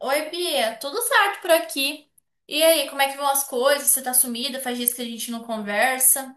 Oi, Bia, tudo certo por aqui? E aí, como é que vão as coisas? Você tá sumida? Faz dias que a gente não conversa.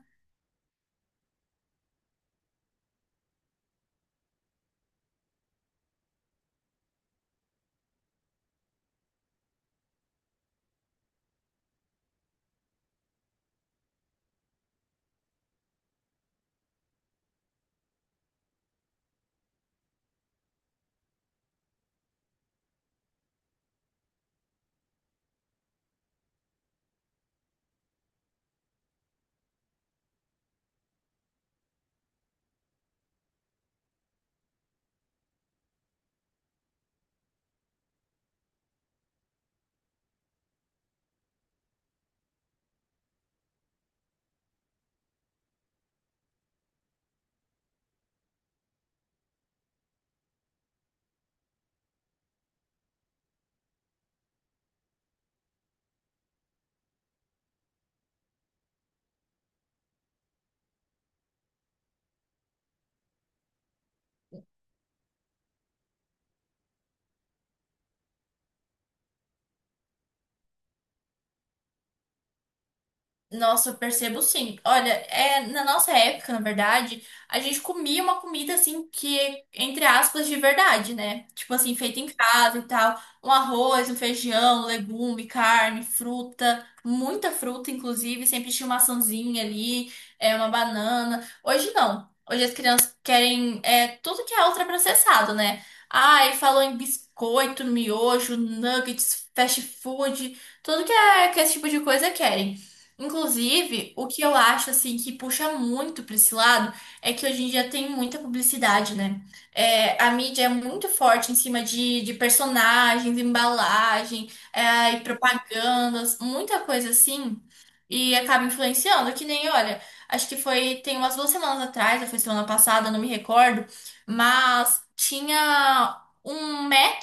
Nossa, eu percebo sim. Olha, na nossa época, na verdade, a gente comia uma comida assim que, entre aspas, de verdade, né? Tipo assim, feita em casa e tal. Um arroz, um feijão, legume, carne, fruta, muita fruta, inclusive. Sempre tinha uma maçãzinha ali, uma banana. Hoje não. Hoje as crianças querem tudo que é ultraprocessado, né? Ai, falou em biscoito, miojo, nuggets, fast food, tudo que é que esse tipo de coisa querem. Inclusive, o que eu acho assim que puxa muito para esse lado é que hoje em dia tem muita publicidade, né? A mídia é muito forte em cima de personagens, embalagem, e propagandas, muita coisa assim, e acaba influenciando. Que nem, olha, acho que foi tem umas 2 semanas atrás, ou foi semana passada, não me recordo, mas tinha um Mac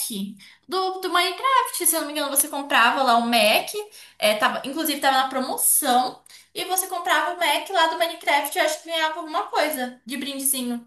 do Minecraft, se eu não me engano, você comprava lá um Mac. Inclusive tava na promoção. E você comprava o Mac lá do Minecraft, eu acho que ganhava alguma coisa de brindezinho.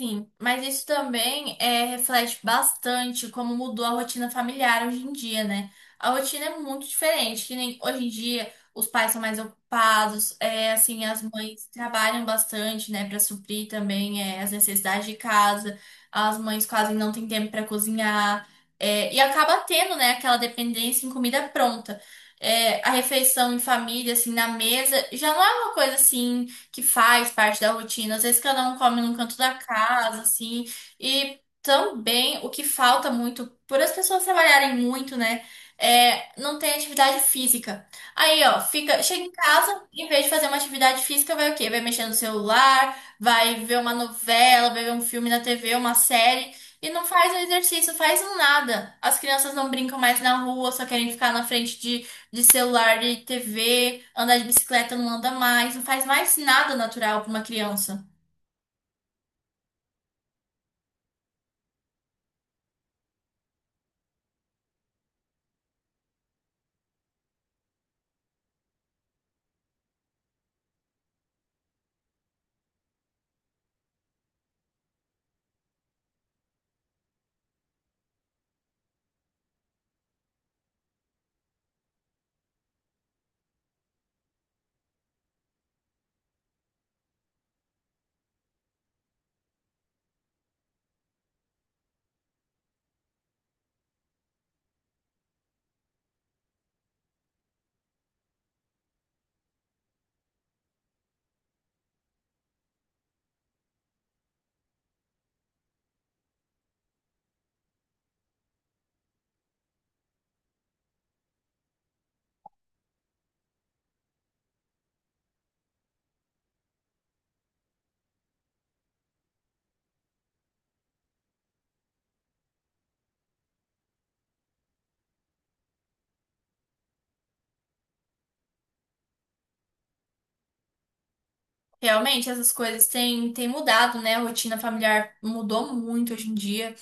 Sim, mas isso também reflete bastante como mudou a rotina familiar hoje em dia, né? A rotina é muito diferente, que nem hoje em dia os pais são mais ocupados, é assim, as mães trabalham bastante, né, para suprir também, as necessidades de casa, as mães quase não têm tempo para cozinhar, e acaba tendo, né, aquela dependência em comida pronta. A refeição em família, assim, na mesa, já não é uma coisa assim que faz parte da rotina. Às vezes cada um come num canto da casa, assim. E também o que falta muito, por as pessoas trabalharem muito, né? Não tem atividade física. Aí, ó, fica, chega em casa, em vez de fazer uma atividade física, vai o quê? Vai mexer no celular, vai ver uma novela, vai ver um filme na TV, uma série. E não faz um exercício, faz um nada. As crianças não brincam mais na rua, só querem ficar na frente de celular, de TV, andar de bicicleta não anda mais, não faz mais nada natural para uma criança. Realmente, essas coisas têm mudado, né? A rotina familiar mudou muito hoje em dia.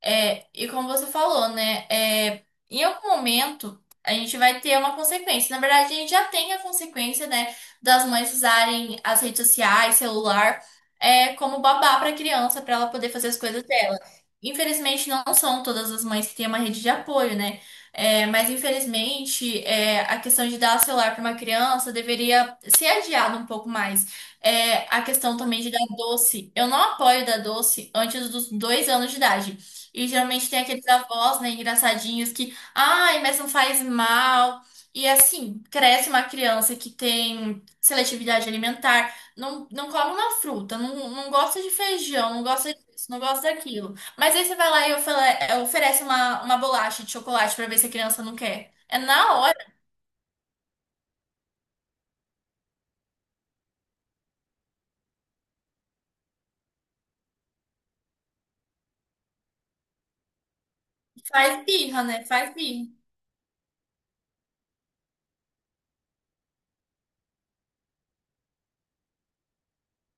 E como você falou, né? Em algum momento a gente vai ter uma consequência. Na verdade, a gente já tem a consequência, né? Das mães usarem as redes sociais, celular, como babá para a criança, para ela poder fazer as coisas dela. Infelizmente, não são todas as mães que têm uma rede de apoio, né? Mas infelizmente, a questão de dar celular para uma criança deveria ser adiada um pouco mais. A questão também de dar doce. Eu não apoio dar doce antes dos 2 anos de idade. E geralmente tem aqueles avós, né, engraçadinhos que, ai, mas não faz mal. E assim, cresce uma criança que tem seletividade alimentar, não, não come uma fruta, não, não gosta de feijão, não gosta disso, não gosta daquilo. Mas aí você vai lá e oferece uma bolacha de chocolate pra ver se a criança não quer. É na hora, faz birra, né? Faz birra.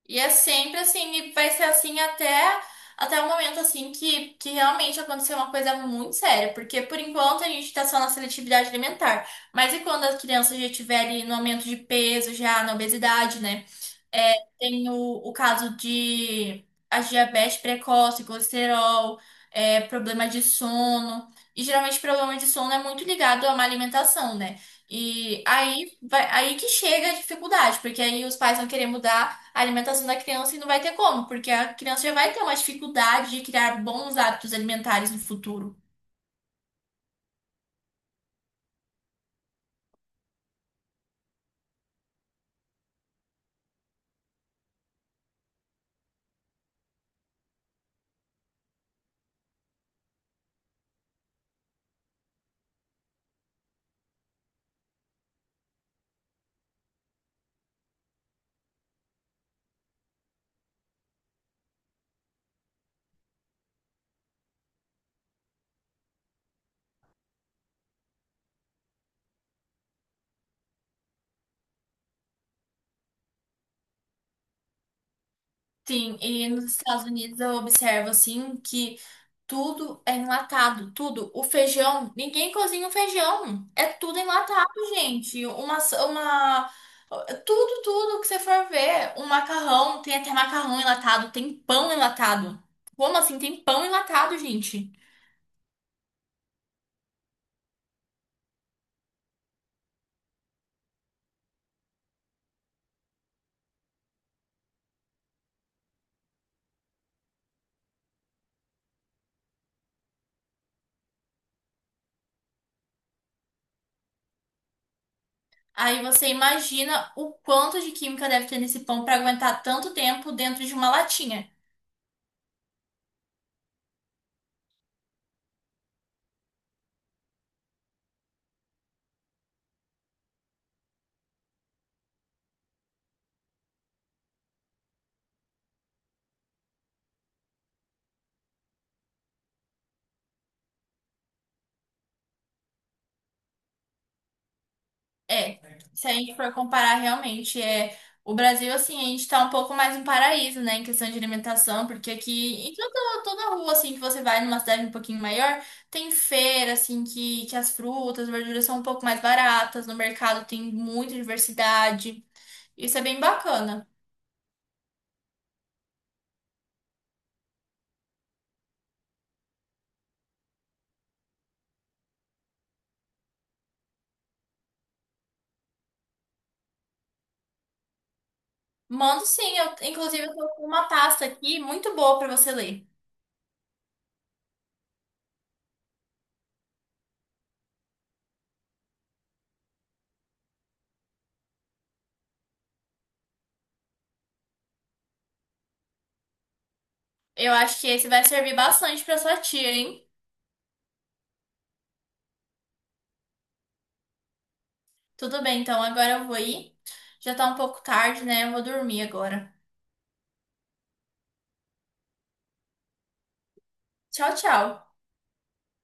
E é sempre assim, e vai ser assim até o momento assim que realmente acontecer uma coisa muito séria, porque por enquanto a gente tá só na seletividade alimentar. Mas e quando a criança já estiver ali no aumento de peso, já na obesidade, né? É, tem o caso de a diabetes precoce, colesterol, problema de sono. E geralmente problema de sono é muito ligado a uma alimentação, né? E aí, que chega a dificuldade, porque aí os pais vão querer mudar a alimentação da criança e não vai ter como, porque a criança já vai ter uma dificuldade de criar bons hábitos alimentares no futuro. Sim, e nos Estados Unidos eu observo assim que tudo é enlatado, tudo. O feijão, ninguém cozinha o feijão. É tudo enlatado, gente. Tudo, tudo que você for ver. O macarrão, tem até macarrão enlatado, tem pão enlatado. Como assim? Tem pão enlatado, gente. Aí você imagina o quanto de química deve ter nesse pão para aguentar tanto tempo dentro de uma latinha. É, se a gente for comparar realmente, o Brasil, assim, a gente tá um pouco mais um paraíso, né, em questão de alimentação, porque aqui, em toda rua, assim, que você vai numa cidade um pouquinho maior, tem feira, assim, que as frutas, verduras são um pouco mais baratas, no mercado tem muita diversidade, isso é bem bacana. Mando sim, inclusive eu tô com uma pasta aqui muito boa pra você ler. Eu acho que esse vai servir bastante pra sua tia, hein? Tudo bem, então agora eu vou ir. Já tá um pouco tarde, né? Eu vou dormir agora. Tchau, tchau.